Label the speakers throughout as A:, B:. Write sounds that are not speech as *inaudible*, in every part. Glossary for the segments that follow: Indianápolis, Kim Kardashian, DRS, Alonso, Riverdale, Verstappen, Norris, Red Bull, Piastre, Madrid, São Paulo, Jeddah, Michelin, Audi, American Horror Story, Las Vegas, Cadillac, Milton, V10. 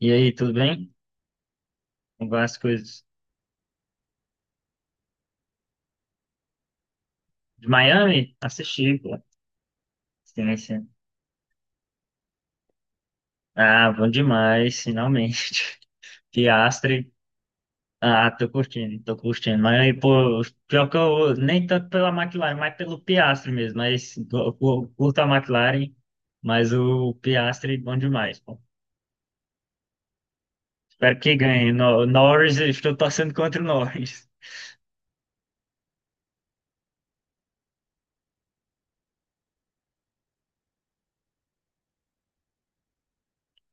A: E aí, tudo bem? Como vão as coisas? De Miami? Assisti, pô. Assistência. Ah, bom demais, finalmente. *laughs* Piastre. Ah, tô curtindo, tô curtindo. Miami, pô, pior que eu, nem tanto pela McLaren, mas pelo Piastre mesmo. Mas curto a McLaren, mas o Piastre, bom demais, pô. Espero que ganhe. Norris, eu estou torcendo contra o Norris.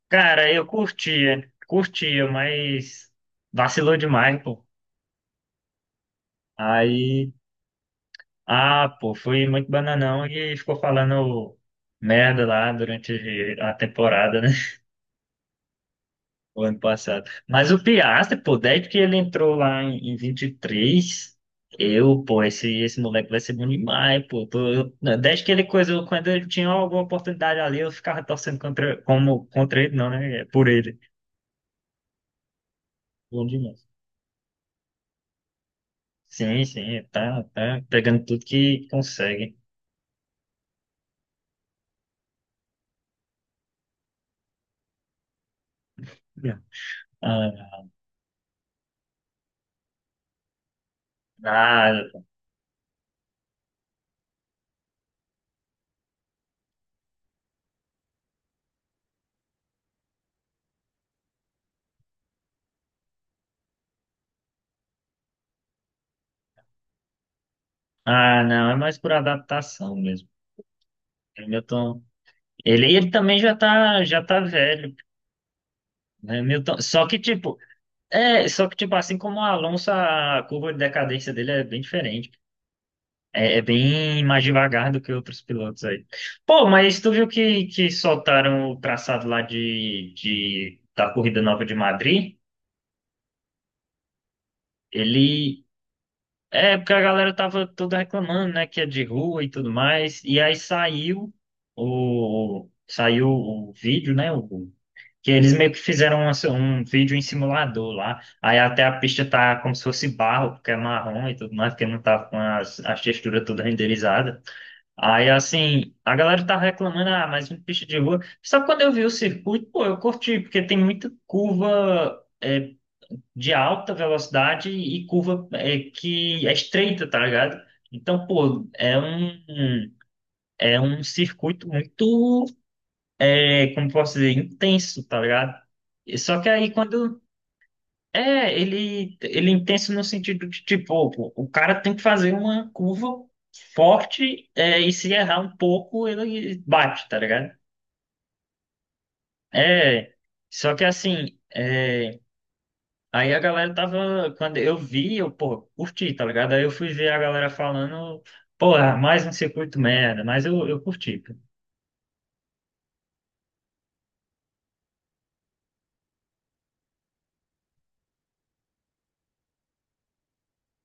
A: Cara, eu curtia, curtia, mas vacilou demais, pô. Aí. Ah, pô, fui muito bananão e ficou falando merda lá durante a temporada, né? *laughs* O ano passado. Mas o Piastri, pô, desde que ele entrou lá em 23, eu, pô, esse moleque vai ser bom demais, pô. Não, desde que ele coisou, quando ele tinha alguma oportunidade ali, eu ficava torcendo contra, como, contra ele, não, né? É, por ele. Bom demais. Sim, sim, tá, tá pegando tudo que consegue. Ah, ah, ah, não, é mais por adaptação mesmo. O Milton, ele também já tá velho, né, Milton? Só que, tipo, assim como o Alonso, a curva de decadência dele é bem diferente. É, bem mais devagar do que outros pilotos aí. Pô, mas tu viu que soltaram o traçado lá da Corrida Nova de Madrid? Ele. É, porque a galera tava toda reclamando, né, que é de rua e tudo mais. E aí saiu o vídeo, né? Que eles meio que fizeram um vídeo em simulador lá. Aí até a pista tá como se fosse barro, porque é marrom e tudo mais, porque não tá com as texturas todas renderizadas. Aí assim, a galera tá reclamando, ah, mas uma pista de rua. Só que quando eu vi o circuito, pô, eu curti, porque tem muita curva de alta velocidade e curva que é estreita, tá ligado? Então, pô, é um circuito muito, como posso dizer, intenso, tá ligado? E só que aí quando. Ele é intenso no sentido de, tipo, o cara tem que fazer uma curva forte, e se errar um pouco, ele bate, tá ligado? É, só que assim, aí a galera tava, quando eu vi, eu, pô, curti, tá ligado? Aí eu fui ver a galera falando, pô, ah, mais um circuito merda, mas eu curti.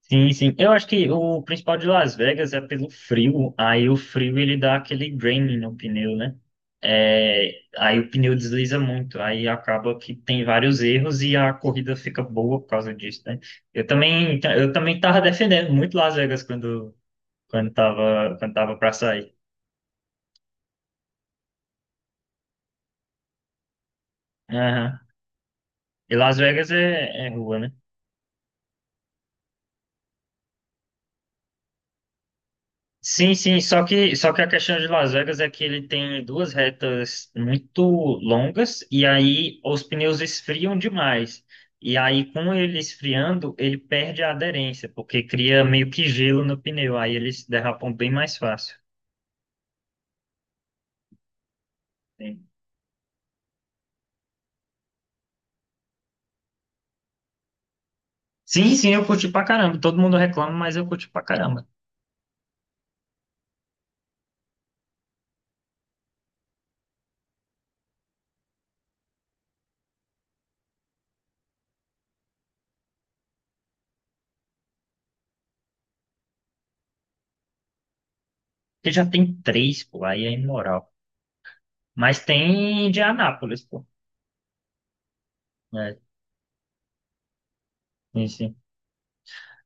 A: Sim, sim. Eu acho que o principal de Las Vegas é pelo frio. Aí o frio ele dá aquele draining no pneu, né? É, aí o pneu desliza muito. Aí acaba que tem vários erros e a corrida fica boa por causa disso, né? Eu também tava defendendo muito Las Vegas quando tava para sair. Aham. E Las Vegas é rua, né? Sim, sim, só que a questão de Las Vegas é que ele tem duas retas muito longas e aí os pneus esfriam demais. E aí, com ele esfriando, ele perde a aderência, porque cria meio que gelo no pneu, aí eles derrapam bem mais fácil. Sim, sim, sim, eu curti pra caramba. Todo mundo reclama, mas eu curti pra caramba. Porque já tem três, pô, aí é imoral. Mas tem Indianápolis, pô. É, sim, sim.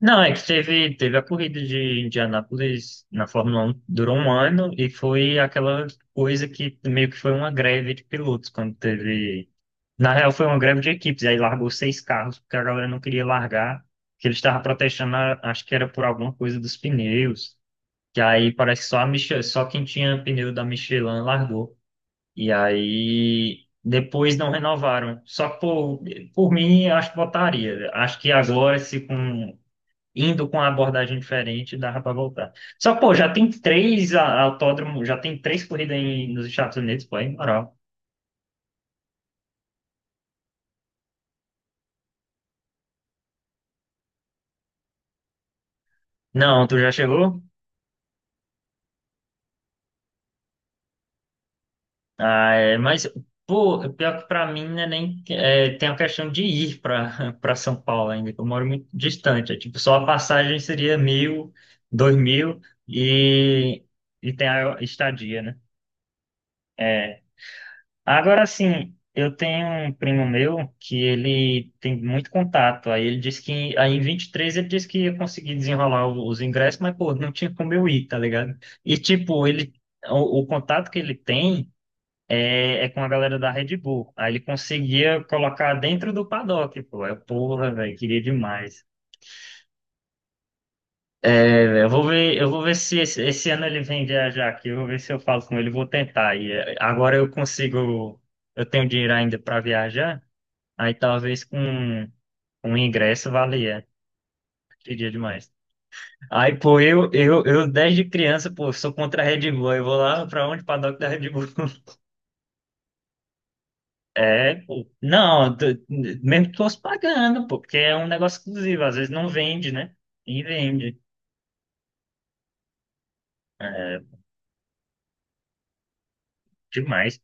A: Não, é que teve a corrida de Indianápolis na Fórmula 1, durou um ano e foi aquela coisa que meio que foi uma greve de pilotos, quando teve. Na real, foi uma greve de equipes, aí largou seis carros, porque a galera não queria largar, que eles estavam protestando, acho que era por alguma coisa dos pneus, que aí parece que só quem tinha pneu da Michelin largou. E aí depois não renovaram. Só por mim, acho que botaria. Acho que agora, se com indo com uma abordagem diferente, dava para voltar. Só, pô, já tem três autódromos, já tem três corridas nos Estados Unidos, pô, aí, moral. Não, tu já chegou? Ah, é, mas, pô, pior que pra mim, né, nem é, tem a questão de ir pra, *laughs* pra São Paulo ainda, que eu moro muito distante. É, tipo, só a passagem seria 1.000, 2.000 e, e tem a estadia, né? É, agora sim, eu tenho um primo meu que ele tem muito contato. Aí ele disse que, aí em 23 ele disse que ia conseguir desenrolar os ingressos, mas pô, não tinha como eu ir, tá ligado? E tipo, ele, o contato que ele tem é com a galera da Red Bull. Aí ele conseguia colocar dentro do paddock, pô. Eu, porra, velho, queria demais. É, velho, eu vou ver se esse ano ele vem viajar aqui. Eu vou ver se eu falo com ele, vou tentar. E é, agora eu consigo, eu tenho dinheiro ainda para viajar. Aí talvez com um ingresso valia. Queria demais. Aí, pô, eu desde criança, pô, sou contra a Red Bull. Eu vou lá pra onde? Paddock da Red Bull. *laughs* É, pô. Não, mesmo que fosse pagando, pô, porque é um negócio exclusivo. Às vezes não vende, né? E vende demais.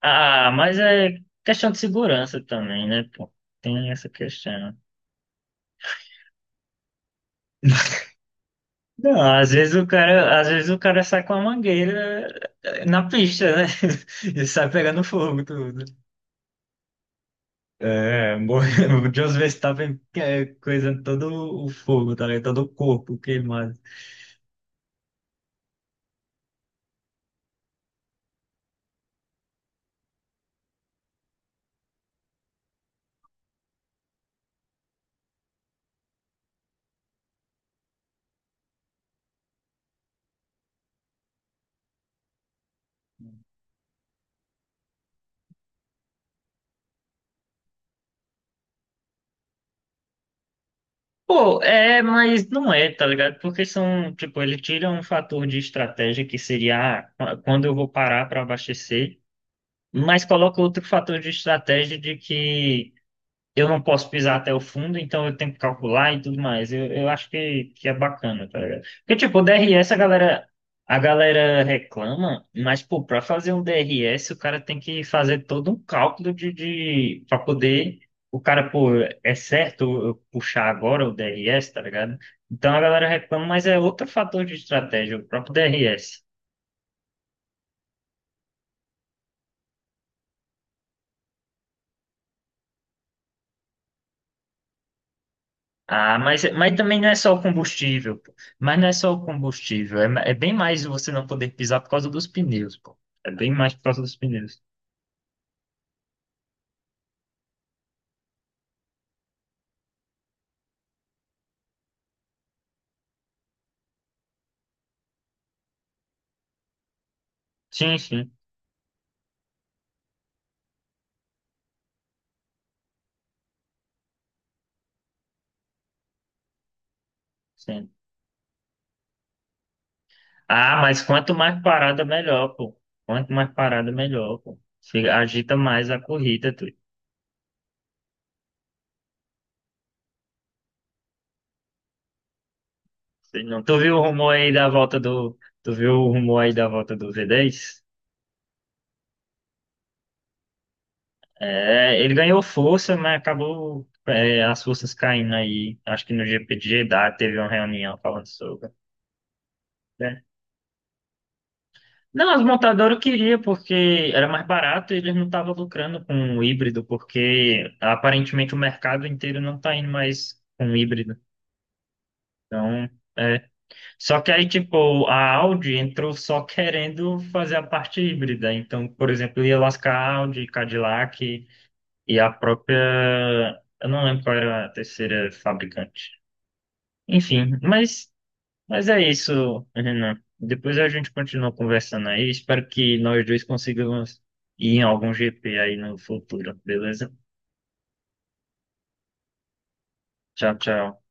A: Ah, mas é questão de segurança também, né, pô? Tem essa questão. *laughs* Não, às vezes o cara sai com a mangueira na pista, né? *laughs* E sai pegando fogo tudo. É, *laughs* o Jos Verstappen coisando todo o fogo, tá ligado? Todo o corpo queimado. Pô, é, mas não é, tá ligado? Porque são, tipo, ele tira um fator de estratégia que seria ah, quando eu vou parar para abastecer, mas coloca outro fator de estratégia de que eu não posso pisar até o fundo, então eu tenho que calcular e tudo mais. Eu acho que é bacana, tá ligado? Porque, tipo, o DRS a galera reclama, mas, pô, pra fazer um DRS, o cara tem que fazer todo um cálculo pra poder. O cara, pô, é certo eu puxar agora o DRS, tá ligado? Então a galera reclama, mas é outro fator de estratégia, o próprio DRS. Ah, mas também não é só o combustível, pô. Mas não é só o combustível. É bem mais você não poder pisar por causa dos pneus, pô. É bem mais por causa dos pneus. Sim, sim, sim. Ah, mas quanto mais parada, melhor, pô. Quanto mais parada, melhor, pô. Agita mais a corrida, tu. Sei. Não, tu viu o rumor aí da volta do. Tu viu o rumor aí da volta do V10? É, ele ganhou força, mas acabou, as forças caindo aí. Acho que no GP de Jeddah teve uma reunião falando sobre. Não, as montadoras eu queria, porque era mais barato e eles não estavam lucrando com o híbrido, porque aparentemente o mercado inteiro não está indo mais com o híbrido. Então, é. Só que aí, tipo, a Audi entrou só querendo fazer a parte híbrida. Então, por exemplo, ia lascar a Audi, Cadillac e a própria. Eu não lembro qual era a terceira fabricante. Enfim, mas é isso, Renan. Depois a gente continua conversando aí. Espero que nós dois consigamos ir em algum GP aí no futuro, beleza? Tchau, tchau.